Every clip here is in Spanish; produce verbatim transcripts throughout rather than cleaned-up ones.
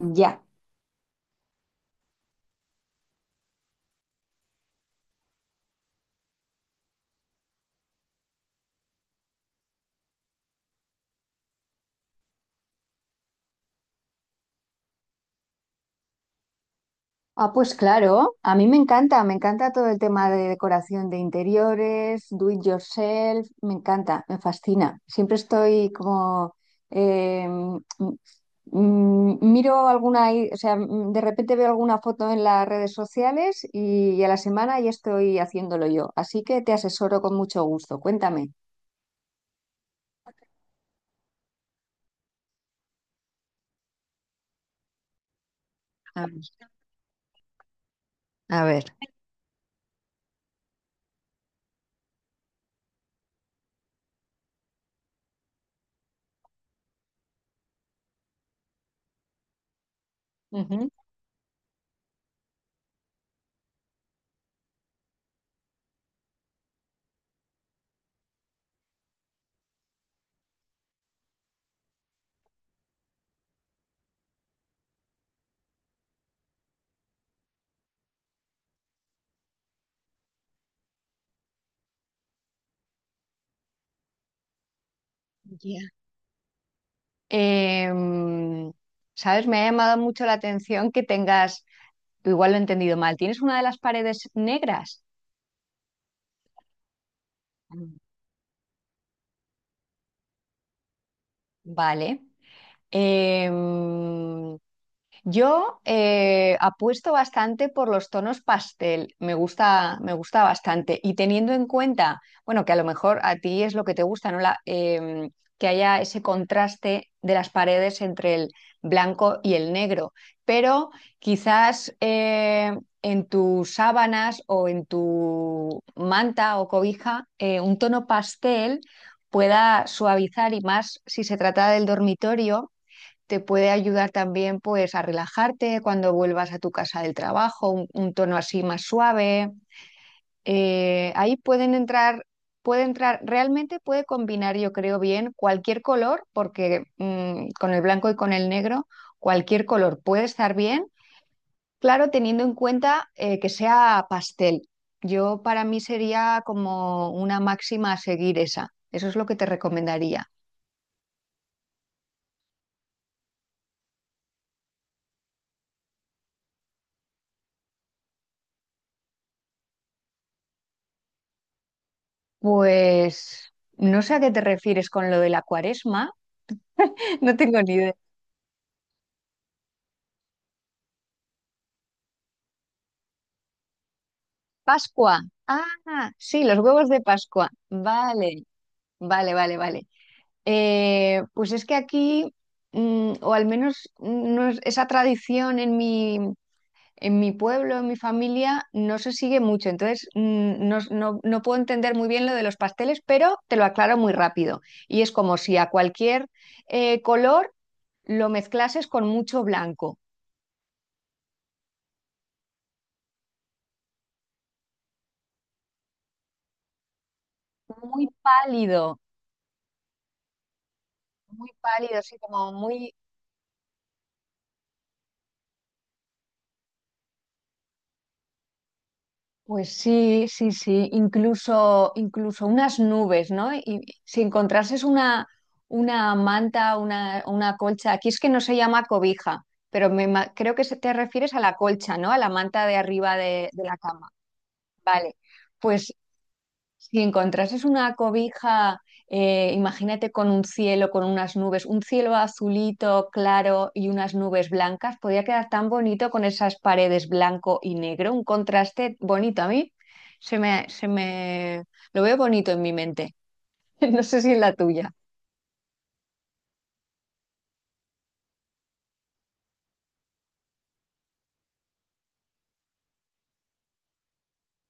Ya. Ah, pues claro, a mí me encanta, me encanta todo el tema de decoración de interiores, do it yourself, me encanta, me fascina. Siempre estoy como, eh, mm, mm, miro alguna, i- o sea, mm, de repente veo alguna foto en las redes sociales y, a la semana ya estoy haciéndolo yo. Así que te asesoro con mucho gusto. Cuéntame. A ver. A ver. Ujú. Ya. Em, ¿Sabes? Me ha llamado mucho la atención que tengas. Igual lo he entendido mal. ¿Tienes una de las paredes negras? Mm. Vale. Em, Yo eh, apuesto bastante por los tonos pastel, me gusta, me gusta bastante. Y teniendo en cuenta, bueno, que a lo mejor a ti es lo que te gusta, ¿no? La, em, que haya ese contraste de las paredes entre el blanco y el negro. Pero quizás eh, en tus sábanas o en tu manta o cobija, eh, un tono pastel pueda suavizar y más si se trata del dormitorio, te puede ayudar también pues a relajarte cuando vuelvas a tu casa del trabajo, un, un tono así más suave. Eh, ahí pueden entrar, puede entrar, realmente puede combinar, yo creo bien, cualquier color, porque mm, con el blanco y con el negro, cualquier color puede estar bien, claro, teniendo en cuenta eh, que sea pastel. Yo para mí sería como una máxima a seguir esa. Eso es lo que te recomendaría. Pues no sé a qué te refieres con lo de la cuaresma. No tengo ni idea. Pascua. Ah, sí, los huevos de Pascua. Vale, vale, vale, vale. Eh, pues es que aquí, mm, o al menos mm, no es- esa tradición en mi, en mi pueblo, en mi familia, no se sigue mucho. Entonces, mm, no, no- no puedo entender muy bien lo de los pasteles, pero te lo aclaro muy rápido. Y es como si a cualquier eh, color lo mezclases con mucho blanco. Muy pálido, muy pálido, así como muy... Pues sí, sí, sí, incluso, incluso unas nubes, ¿no? Y si encontrases una, una manta, una, una colcha, aquí es que no se llama cobija, pero me ima- creo que se te refieres a la colcha, ¿no? A la manta de arriba de, de la cama. Vale, pues si encontrases una cobija, eh, imagínate con un cielo, con unas nubes, un cielo azulito, claro y unas nubes blancas, podría quedar tan bonito con esas paredes blanco y negro, un contraste bonito a mí. Se me, se me, lo veo bonito en mi mente. No sé si en la tuya.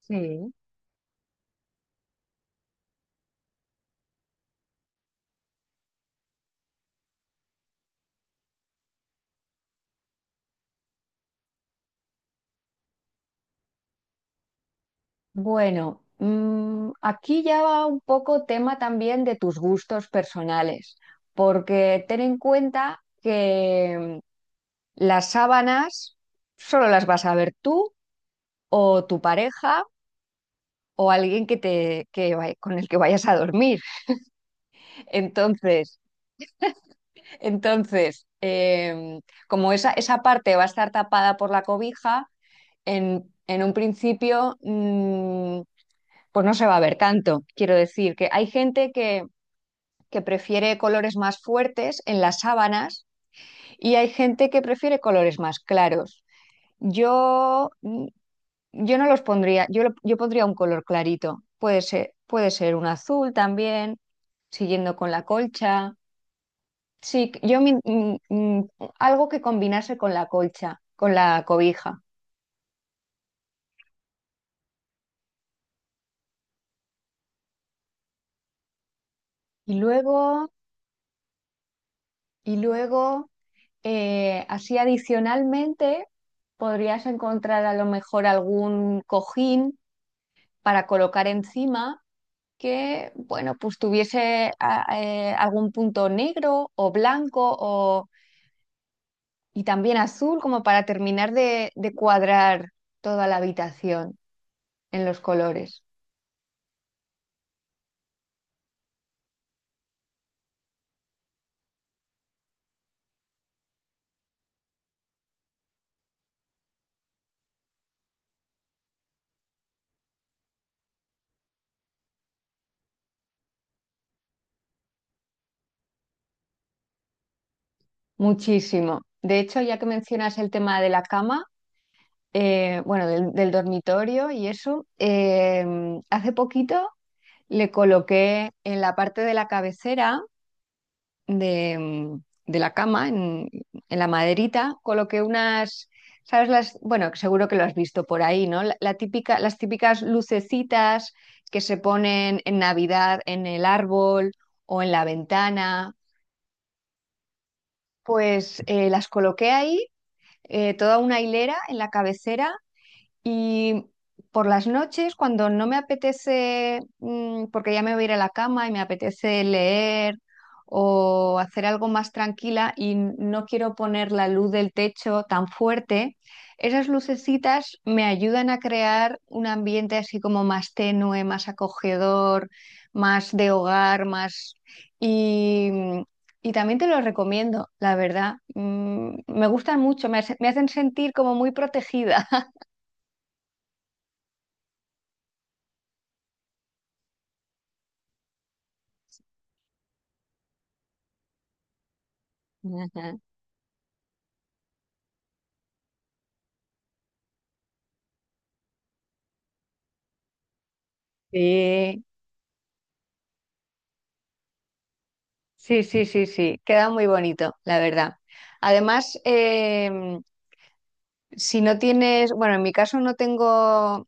Sí. Bueno, mm, aquí ya va un poco tema también de tus gustos personales, porque ten en cuenta las sábanas solo las vas a ver tú o tu pareja o alguien que te, que vay- con el que vayas a dormir. Entonces, entonces em, como esa, esa parte va a estar tapada por la cobija, en, en un principio, mm, pues no se va a ver tanto. Quiero decir que hay gente que, que prefiere colores más fuertes en las sábanas y hay gente que prefiere colores más claros. Yo Yo no los pondría, yo, lo- yo pondría un color clarito. Puede ser, puede ser un azul también, siguiendo con la colcha. Sí, yo mi- mm, mm, algo que combinase con la colcha, con la cobija. Y luego, y luego, eh, así adicionalmente, podrías encontrar a lo mejor algún cojín para colocar encima que, bueno, pues tuviese a- eh, algún punto negro o blanco o y también azul como para terminar de, de cuadrar toda la habitación en los colores. Muchísimo. De hecho, ya que mencionas el tema de la cama, eh, bueno, del, del dormitorio y eso, eh, hace poquito le coloqué en la parte de la cabecera de, mm, de la cama, en, en la maderita, coloqué unas, ¿sabes? Las, bueno, seguro que lo has visto por ahí, ¿no? La, la típica, las típicas lucecitas que se ponen en Navidad en el árbol o en la ventana, pues eh, las coloqué ahí, eh, toda una hilera en la cabecera y por las noches, cuando no me apetece, mm, porque ya me voy a ir a la cama y me apetece leer o hacer algo más tranquila y n- no quiero poner la luz del techo tan fuerte, esas lucecitas me ayudan a crear un ambiente así como más tenue, más acogedor, más de hogar, más... Y, mm, y también te lo recomiendo, la verdad. Mm, me gustan mucho, me hace- me hacen sentir como muy protegida. Sí, sí, sí, sí, sí, queda muy bonito, la verdad. Además, em, si no tienes, bueno, en mi caso no tengo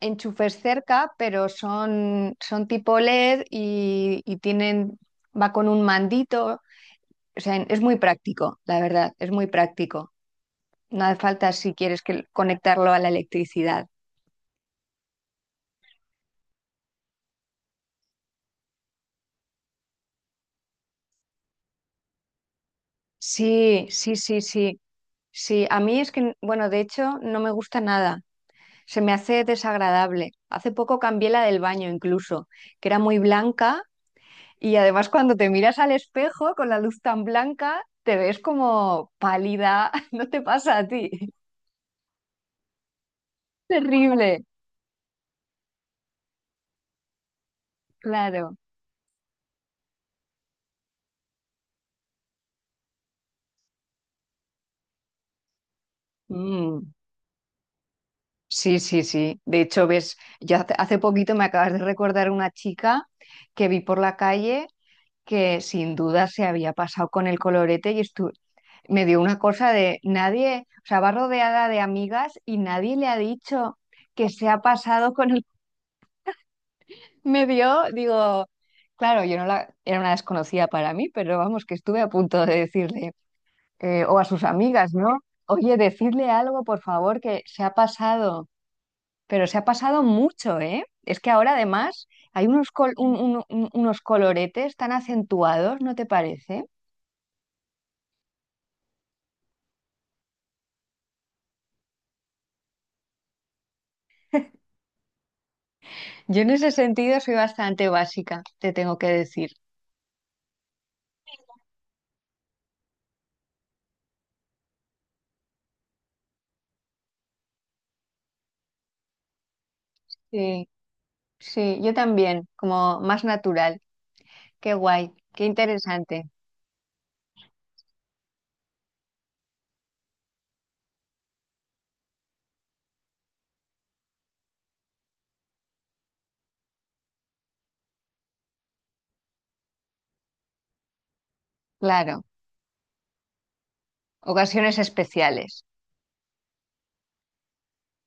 enchufes cerca, pero son, son tipo L E D y, y tienen, va con un mandito, o sea, es muy práctico, la verdad, es muy práctico. No hace falta si quieres que, conectarlo a la electricidad. Sí, sí, sí, sí, sí. A mí es que, bueno, de hecho, no me gusta nada. Se me hace desagradable. Hace poco cambié la del baño incluso, que era muy blanca y además cuando te miras al espejo con la luz tan blanca, te ves como pálida. No te pasa a ti. Terrible, claro. Mm, sí, sí, sí. De hecho, ves, yo hace, hace poquito me acabas de recordar una chica que vi por la calle que sin duda se había pasado con el colorete y, estu- me dio una cosa de nadie, o sea, va rodeada de amigas y nadie le ha dicho que se ha pasado con el... Me dio, digo, claro, yo no la, era una desconocida para mí, pero vamos, que estuve a punto de decirle, eh, o a sus amigas, ¿no? Oye, decirle algo, por favor, que se ha pasado, pero se ha pasado mucho, ¿eh? Es que ahora además hay unos, col- un- un- un- unos coloretes tan acentuados, ¿no te parece? Yo en ese sentido soy bastante básica, te tengo que decir. Sí. Sí, yo también, como más natural. Qué guay, qué interesante. Claro, ocasiones especiales.